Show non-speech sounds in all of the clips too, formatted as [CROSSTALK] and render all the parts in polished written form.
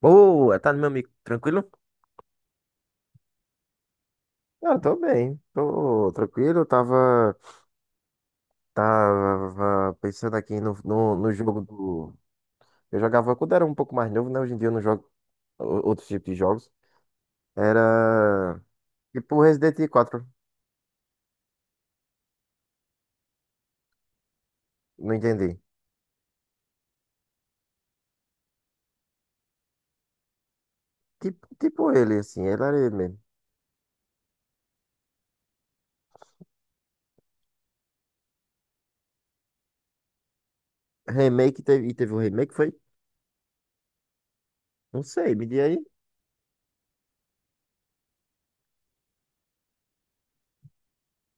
Boa, tá, meu amigo? Tranquilo? Ah, tô bem, tô tranquilo. Tava, pensando aqui no jogo do. Eu jogava quando era um pouco mais novo, né? Hoje em dia eu não jogo outros tipos de jogos. Era tipo Resident Evil 4, não entendi. Tipo ele, assim, ele era ele mesmo. Remake teve, e teve um remake, foi? Não sei, me diga aí.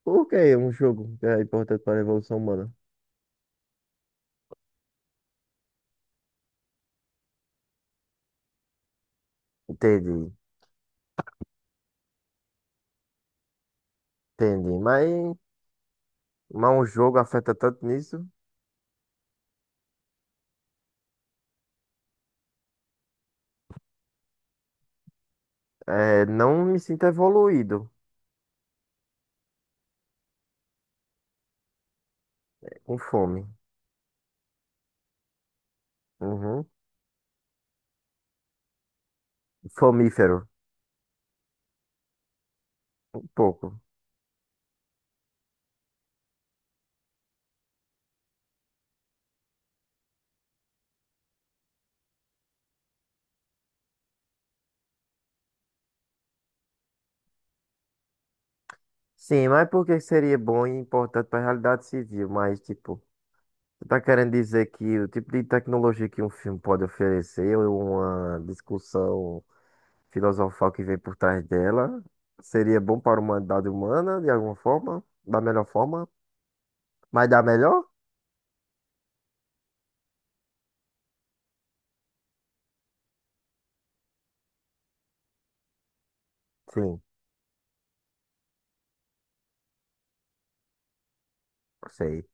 Por que é um jogo que é importante para a evolução humana? Entendi, entendi. Mas um jogo afeta tanto nisso. É, não me sinto evoluído com fome. Uhum. Fomífero, um pouco. Sim, mas por que seria bom e importante para a realidade civil? Mas, tipo, você tá querendo dizer que o tipo de tecnologia que um filme pode oferecer, ou uma discussão filosofal que vem por trás dela, seria bom para a humanidade humana, de alguma forma? Da melhor forma? Mas da melhor? Sim, sei,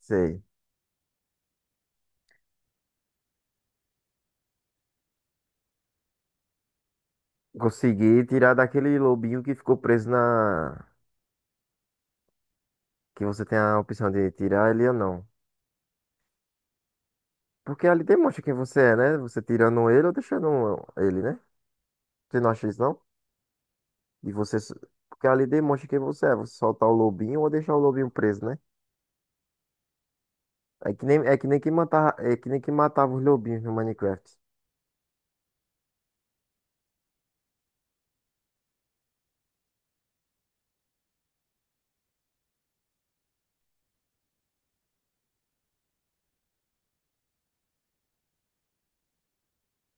sei. Consegui tirar daquele lobinho que ficou preso na, que você tem a opção de tirar ele ou não. Porque ali demonstra quem você é, né? Você tirando ele ou deixando ele, né? Você não acha isso, não? E você. Porque ali demonstra quem você é. Você soltar o lobinho ou deixar o lobinho preso, né? É que nem que matava, é que nem que matava os lobinhos no Minecraft.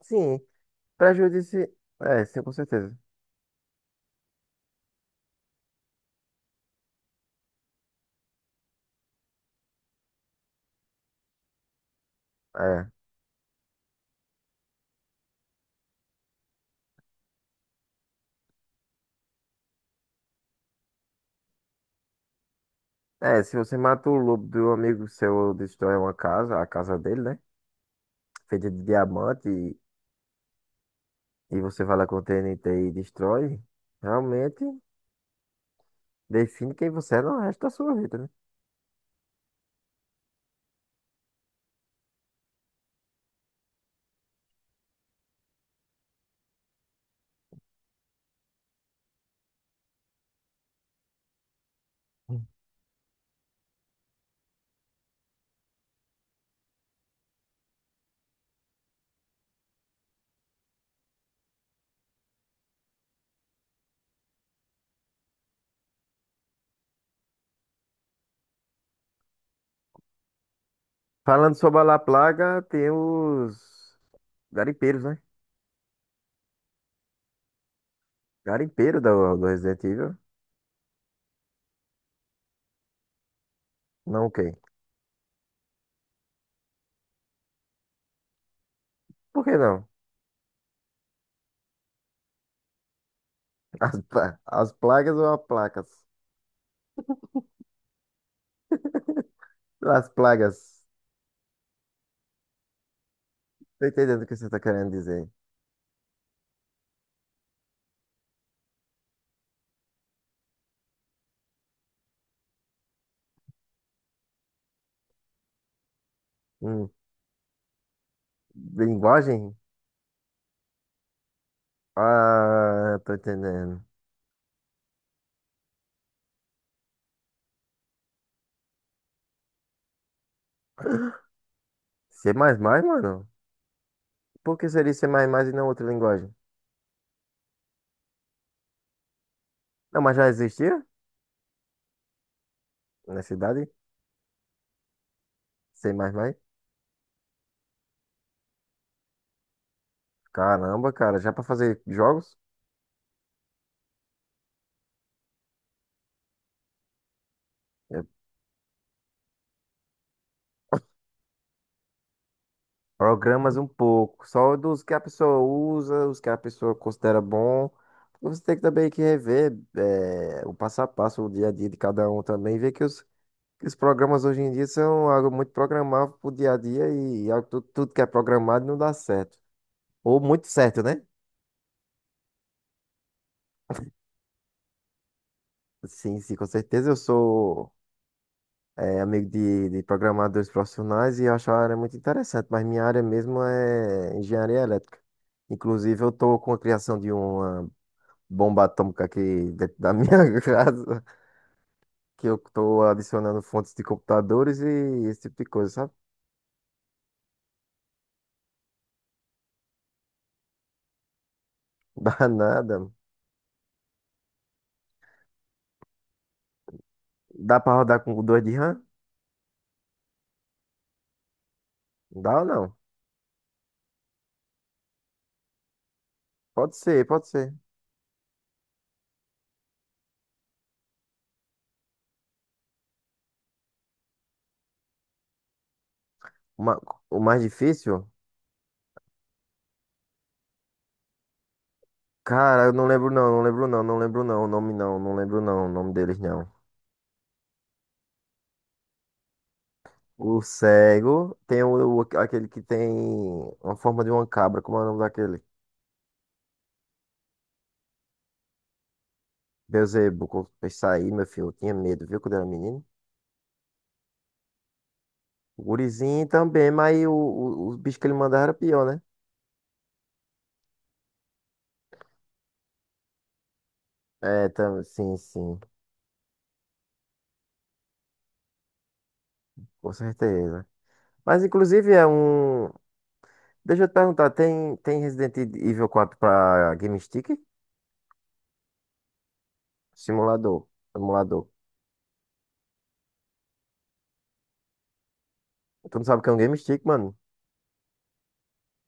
Sim, prejudício. É, sim, com certeza. É. É, se você mata o lobo do amigo seu ou destrói uma casa, a casa dele, né? Feita de diamante e você vai lá com o TNT e destrói, realmente. Define quem você é no resto da sua vida, né? Falando sobre a La Plaga, tem os garimpeiros, né? Garimpeiro do Resident Evil. Não o quê? Por que não? [LAUGHS] As plagas ou as placas? As plagas. Tô entendendo o que você tá querendo dizer. Hum, linguagem? Ah, tô entendendo. C++, mano? Por que seria C++ e não outra linguagem? Não, mas já existia? Na cidade? C++? Caramba, cara, já pra fazer jogos? É. Programas um pouco, só dos que a pessoa usa, os que a pessoa considera bom. Você tem que também que rever o passo a passo, o dia a dia de cada um também, ver que os programas hoje em dia são algo muito programável pro dia a dia e, algo, tudo, que é programado não dá certo. Ou muito certo, né? Sim, sim, com certeza. Eu sou amigo de programadores profissionais e eu acho a área muito interessante, mas minha área mesmo é engenharia elétrica. Inclusive, eu estou com a criação de um bomba atômica aqui dentro da minha [LAUGHS] casa, que eu tô adicionando fontes de computadores e esse tipo de coisa, sabe? Dá [LAUGHS] nada. Dá pra rodar com dois de RAM? Dá ou não? Pode ser, pode ser. Ma- o mais difícil? Cara, eu não lembro não, não lembro não, não lembro não, o nome não, não lembro não, o nome deles não. O cego tem aquele que tem uma forma de uma cabra, como é o nome daquele? Beelzebub, quando eu saí, meu filho, eu tinha medo, viu, quando eu era menino? O gurizinho também, mas os bichos que ele mandava era pior, né? Sim, com certeza. Mas inclusive é um. Deixa eu te perguntar, tem Resident Evil 4 pra Game Stick? Simulador. Emulador. Tu não sabe o que é um Game Stick, mano?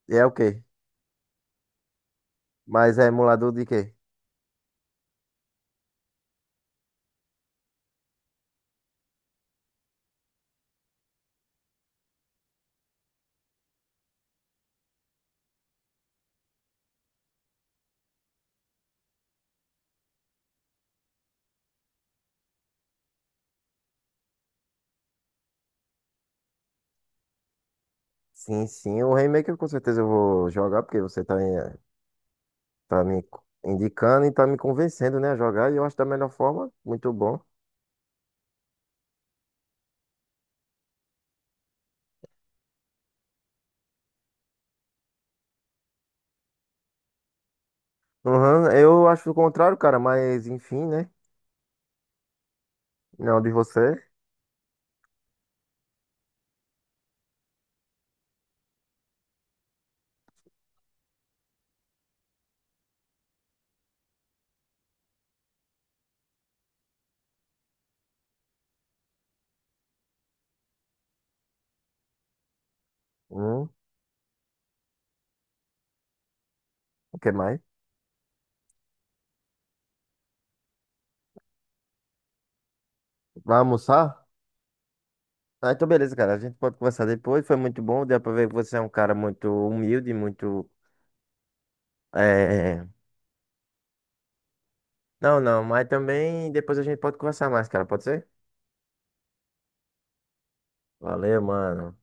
E é o quê? Mas é emulador de quê? Sim, sim. O remake eu com certeza eu vou jogar, porque você tá, tá me indicando e tá me convencendo, né, a jogar. E eu acho da melhor forma. Muito bom. Uhum, eu acho o contrário, cara, mas enfim, né? Não, de você. Hum, o que mais? Vai almoçar? Ah, então beleza, cara. A gente pode conversar depois. Foi muito bom. Deu pra ver que você é um cara muito humilde, muito. É... é, é. Não, não, mas também depois a gente pode conversar mais, cara. Pode ser? Valeu, mano.